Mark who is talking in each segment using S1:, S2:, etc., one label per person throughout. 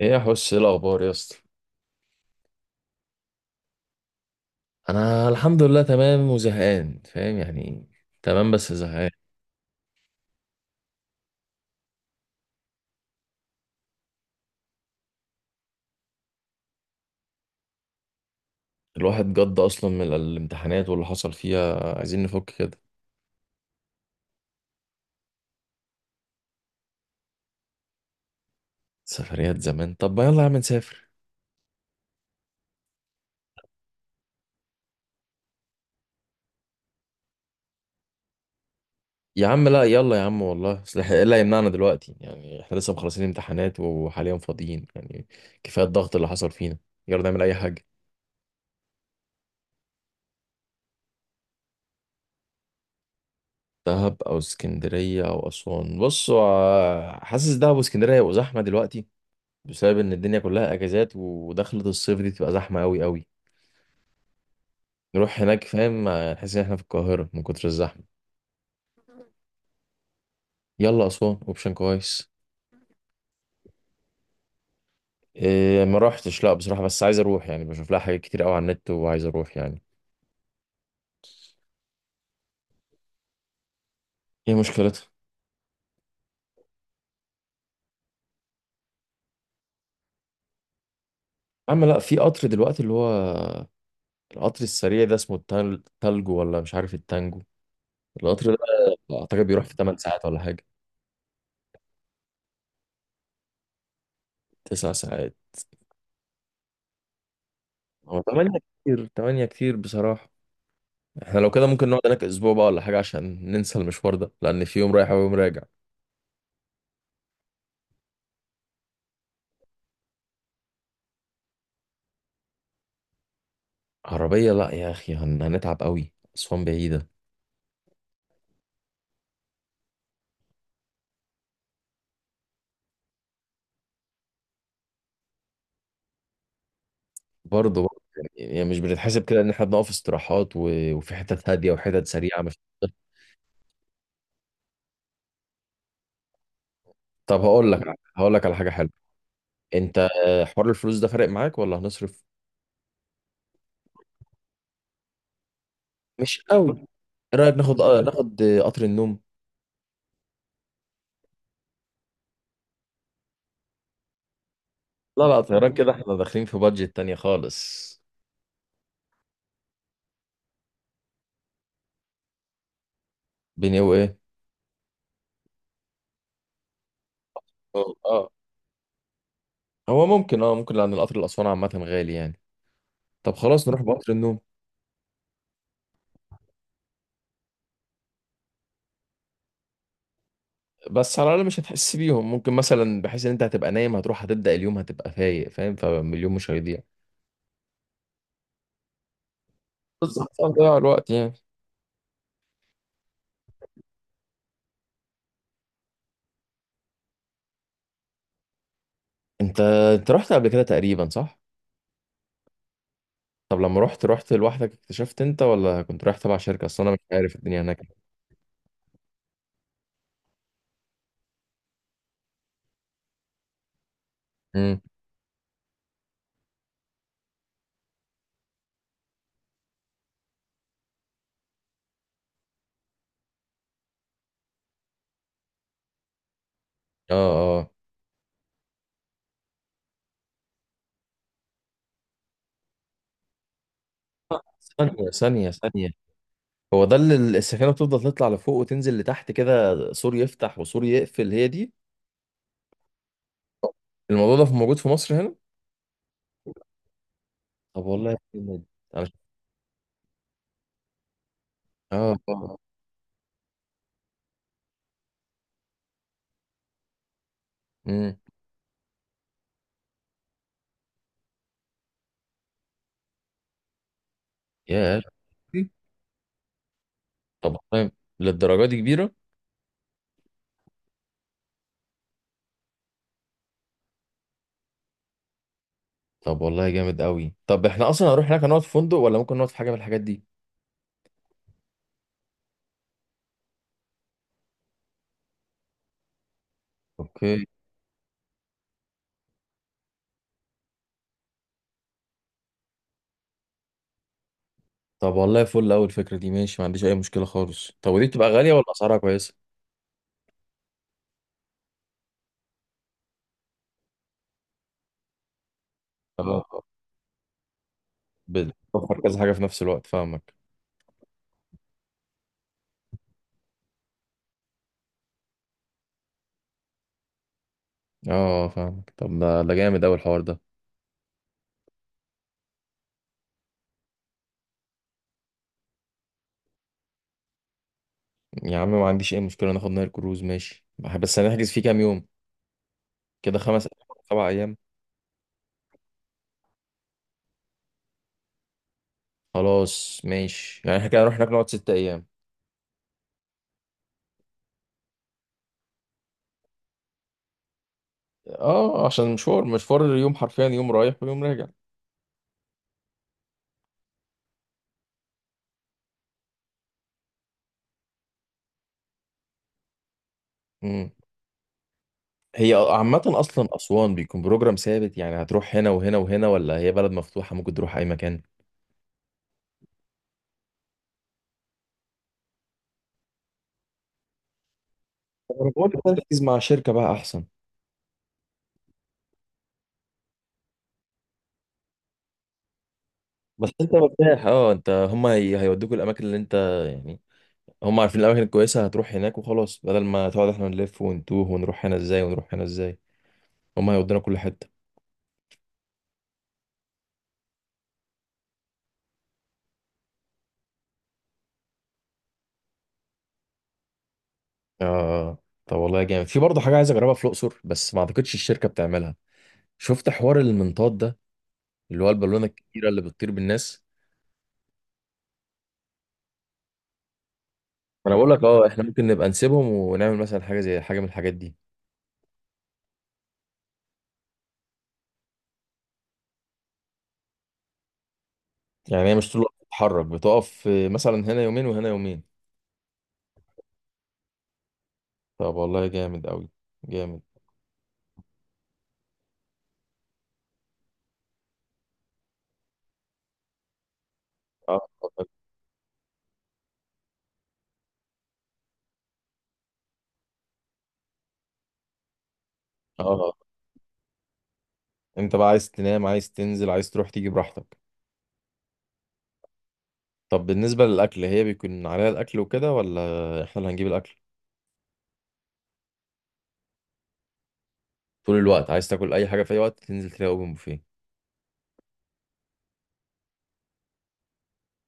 S1: ايه يا حس، ايه الاخبار يا اسطى؟ انا الحمد لله تمام وزهقان، فاهم يعني. تمام بس زهقان. الواحد جد اصلا من الامتحانات واللي حصل فيها، عايزين نفك كده. سفريات زمان؟ طب ما يلا يا عم نسافر. يا عم لا يلا يا عم، والله اصل ايه اللي هيمنعنا دلوقتي؟ يعني احنا لسه مخلصين امتحانات وحاليا فاضيين يعني. كفايه الضغط اللي حصل فينا. يلا نعمل اي حاجه. دهب او اسكندريه او اسوان؟ بص، هو حاسس دهب واسكندريه هيبقوا زحمه دلوقتي، بسبب ان الدنيا كلها اجازات، ودخلة الصيف دي تبقى زحمه قوي قوي. نروح هناك فاهم نحس ان احنا في القاهره من كتر الزحمه. يلا اسوان اوبشن كويس. إيه، ما روحتش لا بصراحه، بس عايز اروح يعني، بشوف لها حاجات كتير قوي على النت وعايز اروح يعني. ايه مشكلتها؟ يا عم لا، في قطر دلوقتي اللي هو القطر السريع ده، اسمه التالجو ولا مش عارف التانجو. القطر ده اعتقد بيروح في 8 ساعات ولا حاجه. 9 ساعات. هو 8 كتير، 8 كتير بصراحه. احنا لو كده ممكن نقعد هناك اسبوع بقى ولا حاجه، عشان ننسى المشوار ده، لان في يوم رايح ويوم راجع. عربيه؟ لا يا اخي، هنتعب قوي، اسوان بعيده. برضه برضه يعني، يعني مش بنتحسب كده ان احنا بنقف استراحات وفي حتت هاديه وحتت سريعه مش طب هقول لك، هقول لك على حاجه حلوه. انت حوار الفلوس ده فارق معاك ولا هنصرف؟ مش قوي. ايه رايك ناخد ناخد قطر النوم؟ لا لا، طيران كده احنا داخلين في بادجت تانية خالص. بيني وايه؟ اه آه. هو ممكن، اه ممكن، لان القطر لاسوان عامه غالي يعني. طب خلاص نروح بقطر النوم. بس على الاقل مش هتحس بيهم، ممكن مثلا بحيث ان انت هتبقى نايم، هتروح هتبدا اليوم هتبقى فايق فاهم، فاليوم مش هيضيع. بالظبط، هتضيع الوقت يعني. انت، انت رحت قبل كده تقريبا صح؟ طب لما رحت، رحت لوحدك اكتشفت انت ولا كنت رايح تبع شركه؟ اصل انا مش عارف الدنيا هناك. امم. اه اه. ثانيه ثانيه ثانيه. هو ده اللي السفينه بتفضل تطلع لفوق وتنزل لتحت كده، سور يفتح وسور يقفل، هي دي؟ الموضوع ده موجود في مصر هنا؟ طب والله جامد. انا، اه اه. امم. ياه. دي، طب والله للدرجة دي كبيرة؟ طب والله جامد قوي. طب احنا اصلا هنروح هناك هنقعد في فندق ولا ممكن نقعد في حاجة من الحاجات دي؟ اوكي. طب والله فل، اول فكرة دي ماشي ما عنديش اي مشكلة خالص. طب ودي بتبقى غالية ولا اسعارها كويسة؟ اه طب. بتوفر كذا حاجة في نفس الوقت فاهمك. اه فاهمك، طب ده ده جامد اوي الحوار ده. يا عم ما عنديش اي مشكلة، ناخد نايل كروز ماشي. بس هنحجز فيه كام يوم؟ كده خمس، سبع ايام. خلاص ماشي، يعني احنا كده هنروح هناك نقعد ست ايام. اه عشان مشوار، مشوار يوم، حرفيا يوم رايح ويوم راجع. امم. هي عامة أصلا أسوان بيكون بروجرام ثابت، يعني هتروح هنا وهنا وهنا، ولا هي بلد مفتوحة ممكن تروح أي مكان؟ أنا بقول لك تركز مع شركة بقى أحسن. بس أنت مرتاح، أه أنت، هما هيودوك الأماكن اللي أنت، يعني هما عارفين الأماكن الكويسة، هتروح هناك وخلاص، بدل ما تقعد إحنا نلف ونتوه ونروح هنا إزاي ونروح هنا إزاي. هما هيودونا كل حتة. آه طب والله جامد. في برضه حاجة عايز أجربها في الأقصر بس ما أعتقدش الشركة بتعملها. شفت حوار المنطاد ده، اللي هو البالونة الكبيرة اللي بتطير بالناس؟ ما انا بقول لك، اه احنا ممكن نبقى نسيبهم ونعمل مثلا حاجه، زي حاجه من الحاجات دي. يعني هي مش طول الوقت بتتحرك، بتقف مثلا هنا يومين وهنا يومين. طب والله جامد قوي، جامد. اه اه. انت بقى عايز تنام، عايز تنزل، عايز تروح تيجي براحتك. طب بالنسبه للاكل، هي بيكون عليها الاكل وكده ولا احنا اللي هنجيب الاكل؟ طول الوقت عايز تاكل اي حاجه في اي وقت، تنزل تلاقي اوبن بوفيه؟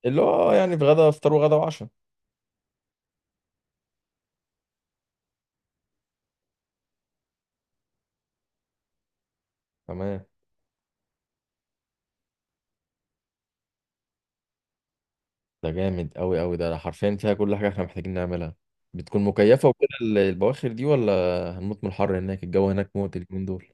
S1: اللي هو يعني في غدا، افطار وغدا وعشاء. تمام. ده جامد قوي قوي، ده حرفيا فيها كل حاجة احنا محتاجين نعملها. بتكون مكيفة وكده البواخر دي ولا هنموت من الحر هناك؟ الجو هناك موت اليومين دول.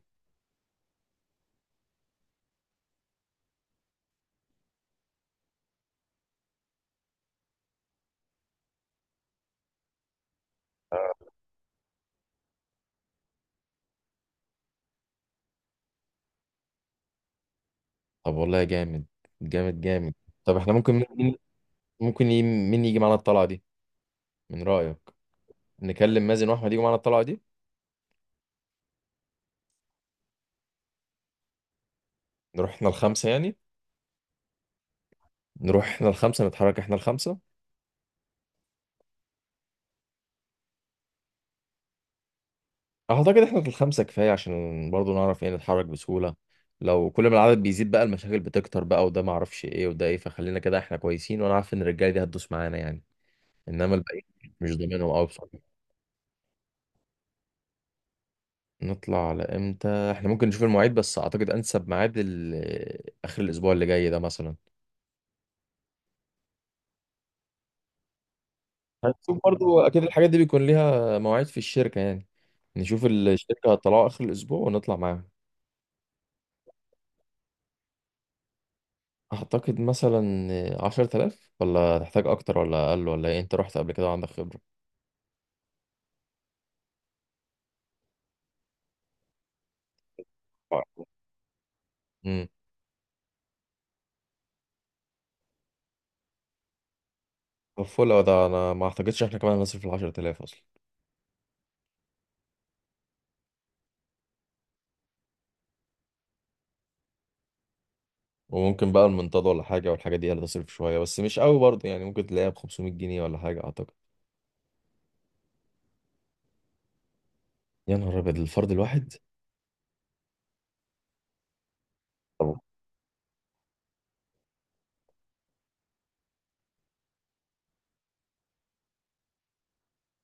S1: آه. طب والله جامد، جامد جامد. طب احنا ممكن ممكن مين يجي معانا الطلعة دي من رأيك؟ نكلم مازن واحمد يجوا معانا الطلعة دي. نروح احنا الخمسة يعني، نروح احنا الخمسة، نتحرك احنا الخمسة. اعتقد احنا الخمسة كفاية، عشان برضو نعرف ايه، نتحرك بسهولة. لو كل ما العدد بيزيد بقى المشاكل بتكتر بقى، وده معرفش ايه وده ايه، فخلينا كده احنا كويسين، وانا عارف ان الرجالة دي هتدوس معانا يعني. انما الباقي مش ضامنهم قوي بصراحه. نطلع على امتى؟ احنا ممكن نشوف المواعيد، بس اعتقد انسب ميعاد اخر الاسبوع اللي جاي ده مثلا. هنشوف برضو اكيد الحاجات دي بيكون ليها مواعيد في الشركه يعني. نشوف الشركه هتطلعوا اخر الاسبوع ونطلع معاهم. اعتقد مثلا عشرة آلاف، ولا تحتاج اكتر ولا اقل ولا ايه؟ انت رحت قبل كده وعندك خبرة. امم. طب فل أوي ده، انا ما اعتقدش احنا كمان هنصرف ال 10000 اصلا. وممكن بقى المنتدى ولا حاجه، والحاجه دي هتصرف شويه بس مش قوي برضه يعني، ممكن تلاقيها ب 500 جنيه ولا حاجه اعتقد. يا نهار ابيض، الفرد الواحد؟ طب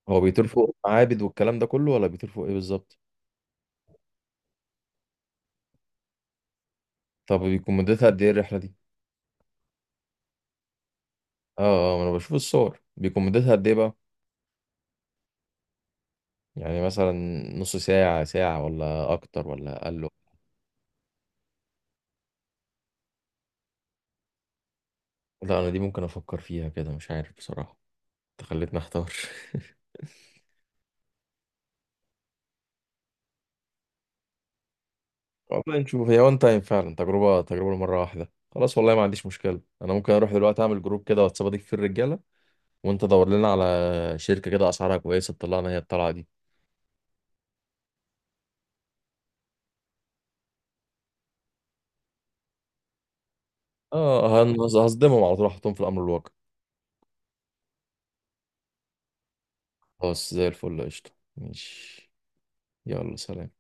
S1: هو بيطير فوق معابد والكلام ده كله، ولا بيطير فوق ايه بالظبط؟ طب بيكون مدتها قد ايه الرحله دي؟ اه اه، ما انا بشوف الصور، بيكون مدتها قد ايه بقى؟ يعني مثلا نص ساعه، ساعه، ولا اكتر ولا اقل؟ لا انا دي ممكن افكر فيها كده، مش عارف بصراحه، انت خليتني احتار. والله نشوف، هي وان تايم فعلا، تجربه تجربه مره واحده خلاص، والله ما عنديش مشكله. انا ممكن اروح دلوقتي اعمل جروب كده واتساب اضيف فيه الرجاله، وانت دور لنا على شركه كده اسعارها كويسه تطلعنا هي الطلعه دي. اه، هصدمهم على طول، احطهم في الامر الواقع. خلاص زي الفل، قشطة. ماشي، يلا سلام.